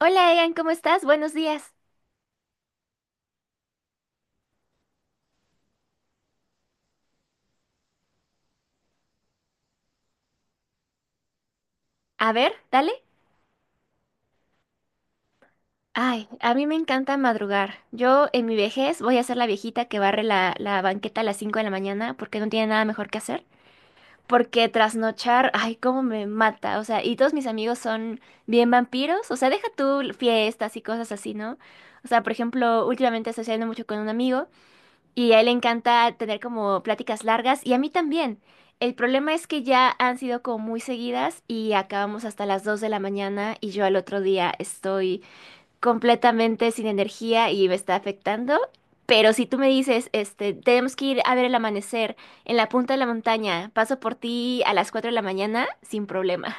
Hola Egan, ¿cómo estás? Buenos días. A ver, dale. Ay, a mí me encanta madrugar. Yo en mi vejez voy a ser la viejita que barre la banqueta a las 5 de la mañana porque no tiene nada mejor que hacer. Porque trasnochar, ay, cómo me mata. O sea, y todos mis amigos son bien vampiros. O sea, deja tú fiestas y cosas así, ¿no? O sea, por ejemplo, últimamente estoy saliendo mucho con un amigo. Y a él le encanta tener como pláticas largas y a mí también. El problema es que ya han sido como muy seguidas y acabamos hasta las 2 de la mañana y yo al otro día estoy completamente sin energía y me está afectando. Pero si tú me dices, tenemos que ir a ver el amanecer en la punta de la montaña, paso por ti a las 4 de la mañana, sin problema.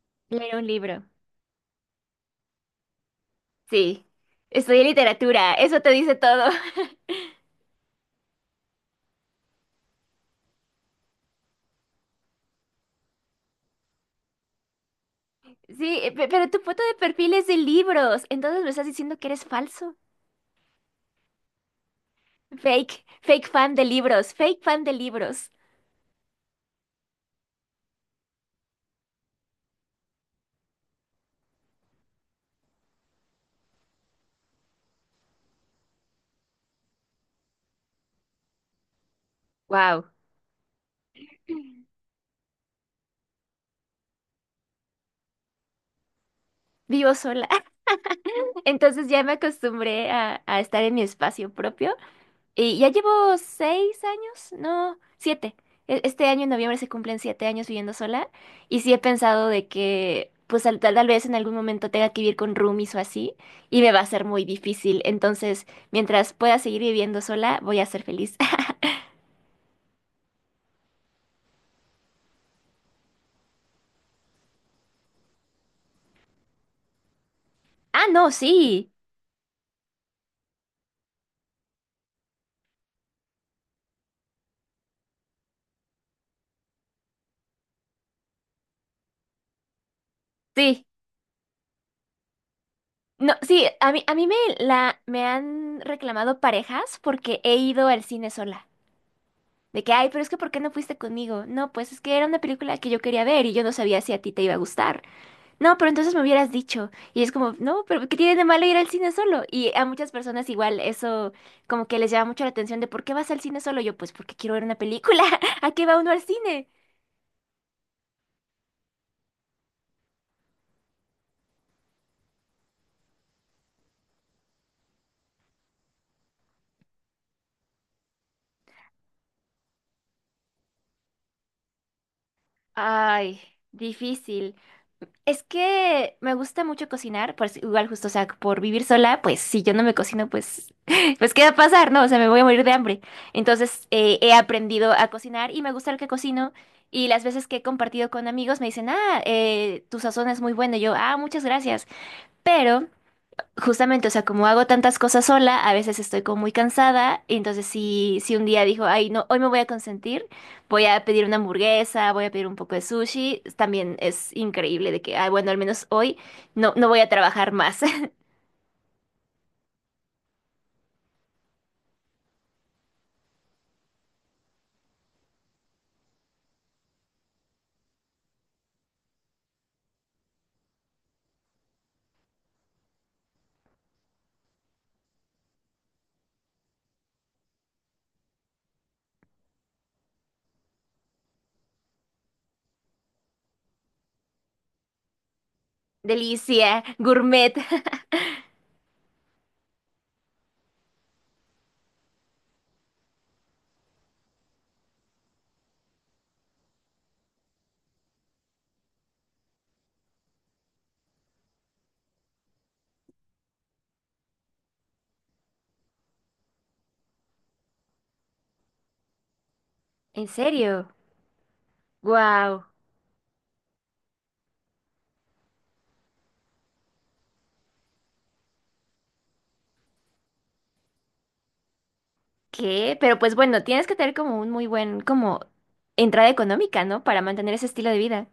Leer un libro. Sí, estudié literatura, eso te dice todo. Sí, pero tu foto de perfil es de libros, entonces me estás diciendo que eres falso. Fake, fake fan de libros. Wow, vivo sola. Entonces ya me acostumbré a estar en mi espacio propio. Y ya llevo 6 años, no, siete. Este año en noviembre se cumplen 7 años viviendo sola. Y sí he pensado de que, pues tal vez en algún momento tenga que vivir con roomies o así. Y me va a ser muy difícil. Entonces, mientras pueda seguir viviendo sola, voy a ser feliz. Ah, no, sí. Sí. No, sí, a mí me han reclamado parejas porque he ido al cine sola. De que, ay, pero es que ¿por qué no fuiste conmigo? No, pues es que era una película que yo quería ver y yo no sabía si a ti te iba a gustar. No, pero entonces me hubieras dicho. Y es como, no, pero ¿qué tiene de malo ir al cine solo? Y a muchas personas igual eso como que les llama mucho la atención de ¿por qué vas al cine solo? Yo, pues porque quiero ver una película. ¿A qué va uno al cine? Ay, difícil. Es que me gusta mucho cocinar, por, si- igual justo, o sea, por vivir sola, pues si yo no me cocino, pues, pues ¿qué va a pasar? No, o sea, me voy a morir de hambre. Entonces he aprendido a cocinar y me gusta lo que cocino. Y las veces que he compartido con amigos me dicen, ah, tu sazón es muy buena. Y yo, ah, muchas gracias. Pero justamente, o sea, como hago tantas cosas sola, a veces estoy como muy cansada, y entonces si un día dijo, ay, no, hoy me voy a consentir, voy a pedir una hamburguesa, voy a pedir un poco de sushi, también es increíble de que, ay, bueno, al menos hoy no voy a trabajar más. Delicia, gourmet. ¿En serio? Wow. ¿Qué? Pero pues bueno, tienes que tener como un muy buen, como entrada económica, ¿no? Para mantener ese estilo de vida.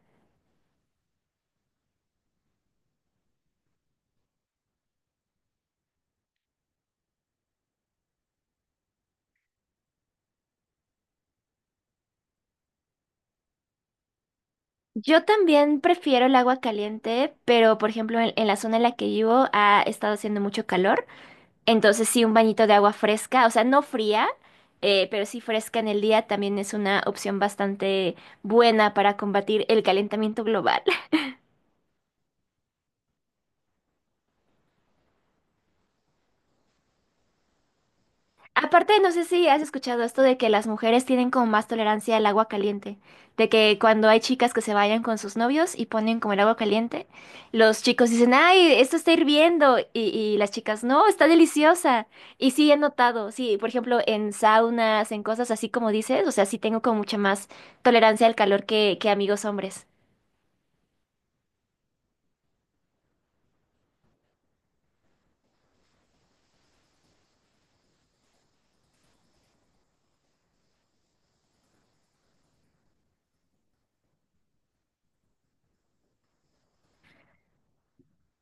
Yo también prefiero el agua caliente, pero por ejemplo en la zona en la que vivo ha estado haciendo mucho calor, entonces sí un bañito de agua fresca, o sea, no fría, pero sí fresca en el día también es una opción bastante buena para combatir el calentamiento global. Aparte, no sé si has escuchado esto de que las mujeres tienen como más tolerancia al agua caliente, de que cuando hay chicas que se vayan con sus novios y ponen como el agua caliente, los chicos dicen, ay, esto está hirviendo, y las chicas, no, está deliciosa. Y sí, he notado, sí, por ejemplo, en saunas, en cosas así como dices, o sea, sí tengo como mucha más tolerancia al calor que amigos hombres.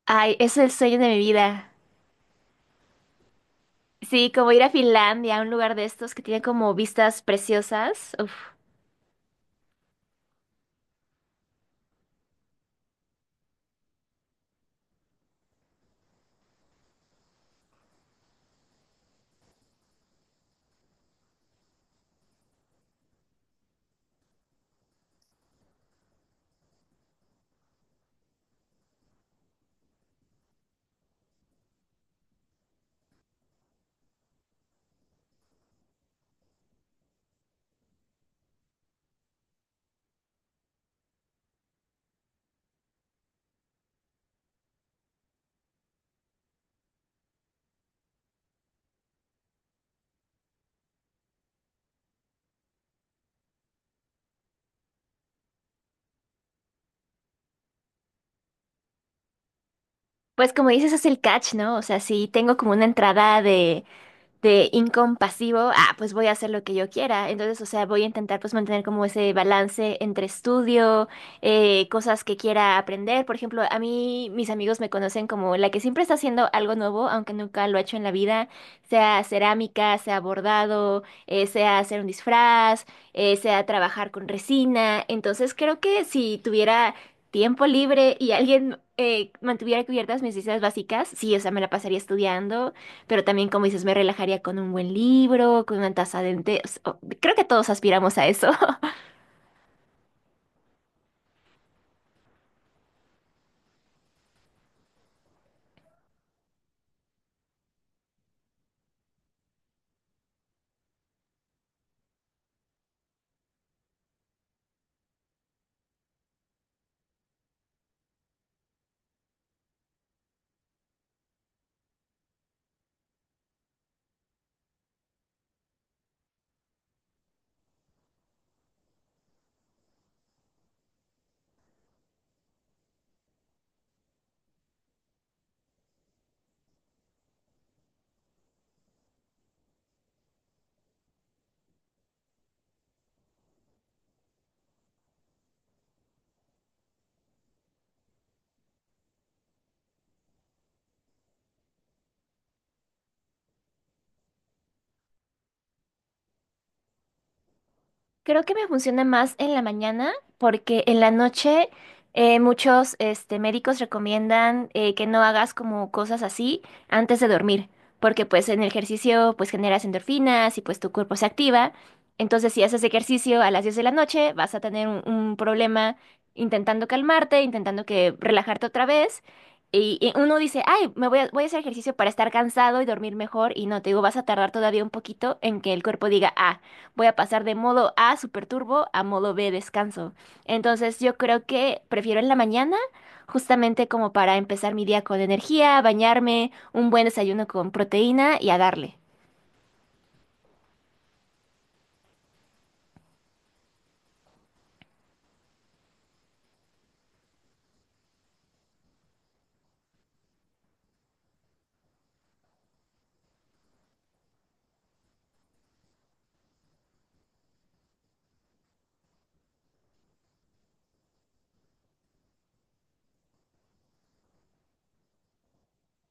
Ay, es el sueño de mi vida. Sí, como ir a Finlandia, a un lugar de estos que tiene como vistas preciosas. Uf. Pues como dices, es el catch, ¿no? O sea, sí tengo como una entrada de incompasivo, ah, pues voy a hacer lo que yo quiera. Entonces, o sea, voy a intentar pues mantener como ese balance entre estudio, cosas que quiera aprender. Por ejemplo, a mí mis amigos me conocen como la que siempre está haciendo algo nuevo, aunque nunca lo ha hecho en la vida, sea cerámica, sea bordado, sea hacer un disfraz, sea trabajar con resina. Entonces, creo que si tuviera tiempo libre y alguien... mantuviera cubiertas mis necesidades básicas, sí, o sea, me la pasaría estudiando, pero también, como dices, me relajaría con un buen libro, con una taza de té. Creo que todos aspiramos a eso. Creo que me funciona más en la mañana porque en la noche médicos recomiendan que no hagas como cosas así antes de dormir, porque pues en el ejercicio pues generas endorfinas y pues tu cuerpo se activa. Entonces si haces ejercicio a las 10 de la noche vas a tener un problema intentando calmarte, intentando que relajarte otra vez. Y uno dice, ay, voy a hacer ejercicio para estar cansado y dormir mejor. Y no, te digo, vas a tardar todavía un poquito en que el cuerpo diga, ah, voy a pasar de modo A super turbo a modo B descanso. Entonces yo creo que prefiero en la mañana, justamente como para empezar mi día con energía, bañarme, un buen desayuno con proteína y a darle.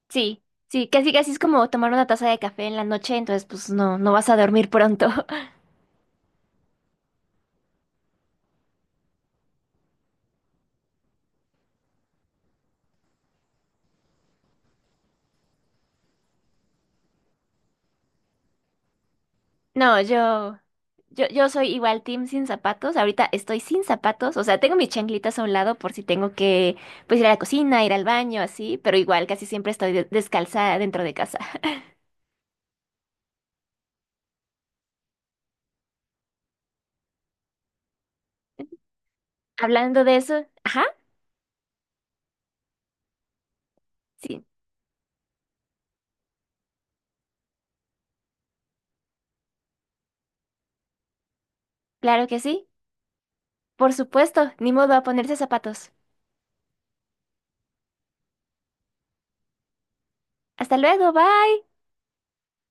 Sí, sí, casi casi es como tomar una taza de café en la noche, entonces pues no, no vas a dormir pronto. No, yo soy igual team sin zapatos. Ahorita estoy sin zapatos, o sea, tengo mis chanclitas a un lado por si tengo que, pues, ir a la cocina, ir al baño, así, pero igual casi siempre estoy descalza dentro de casa. Hablando de eso, ajá, sí, claro que sí. Por supuesto, ni modo a ponerse zapatos. Hasta luego, bye.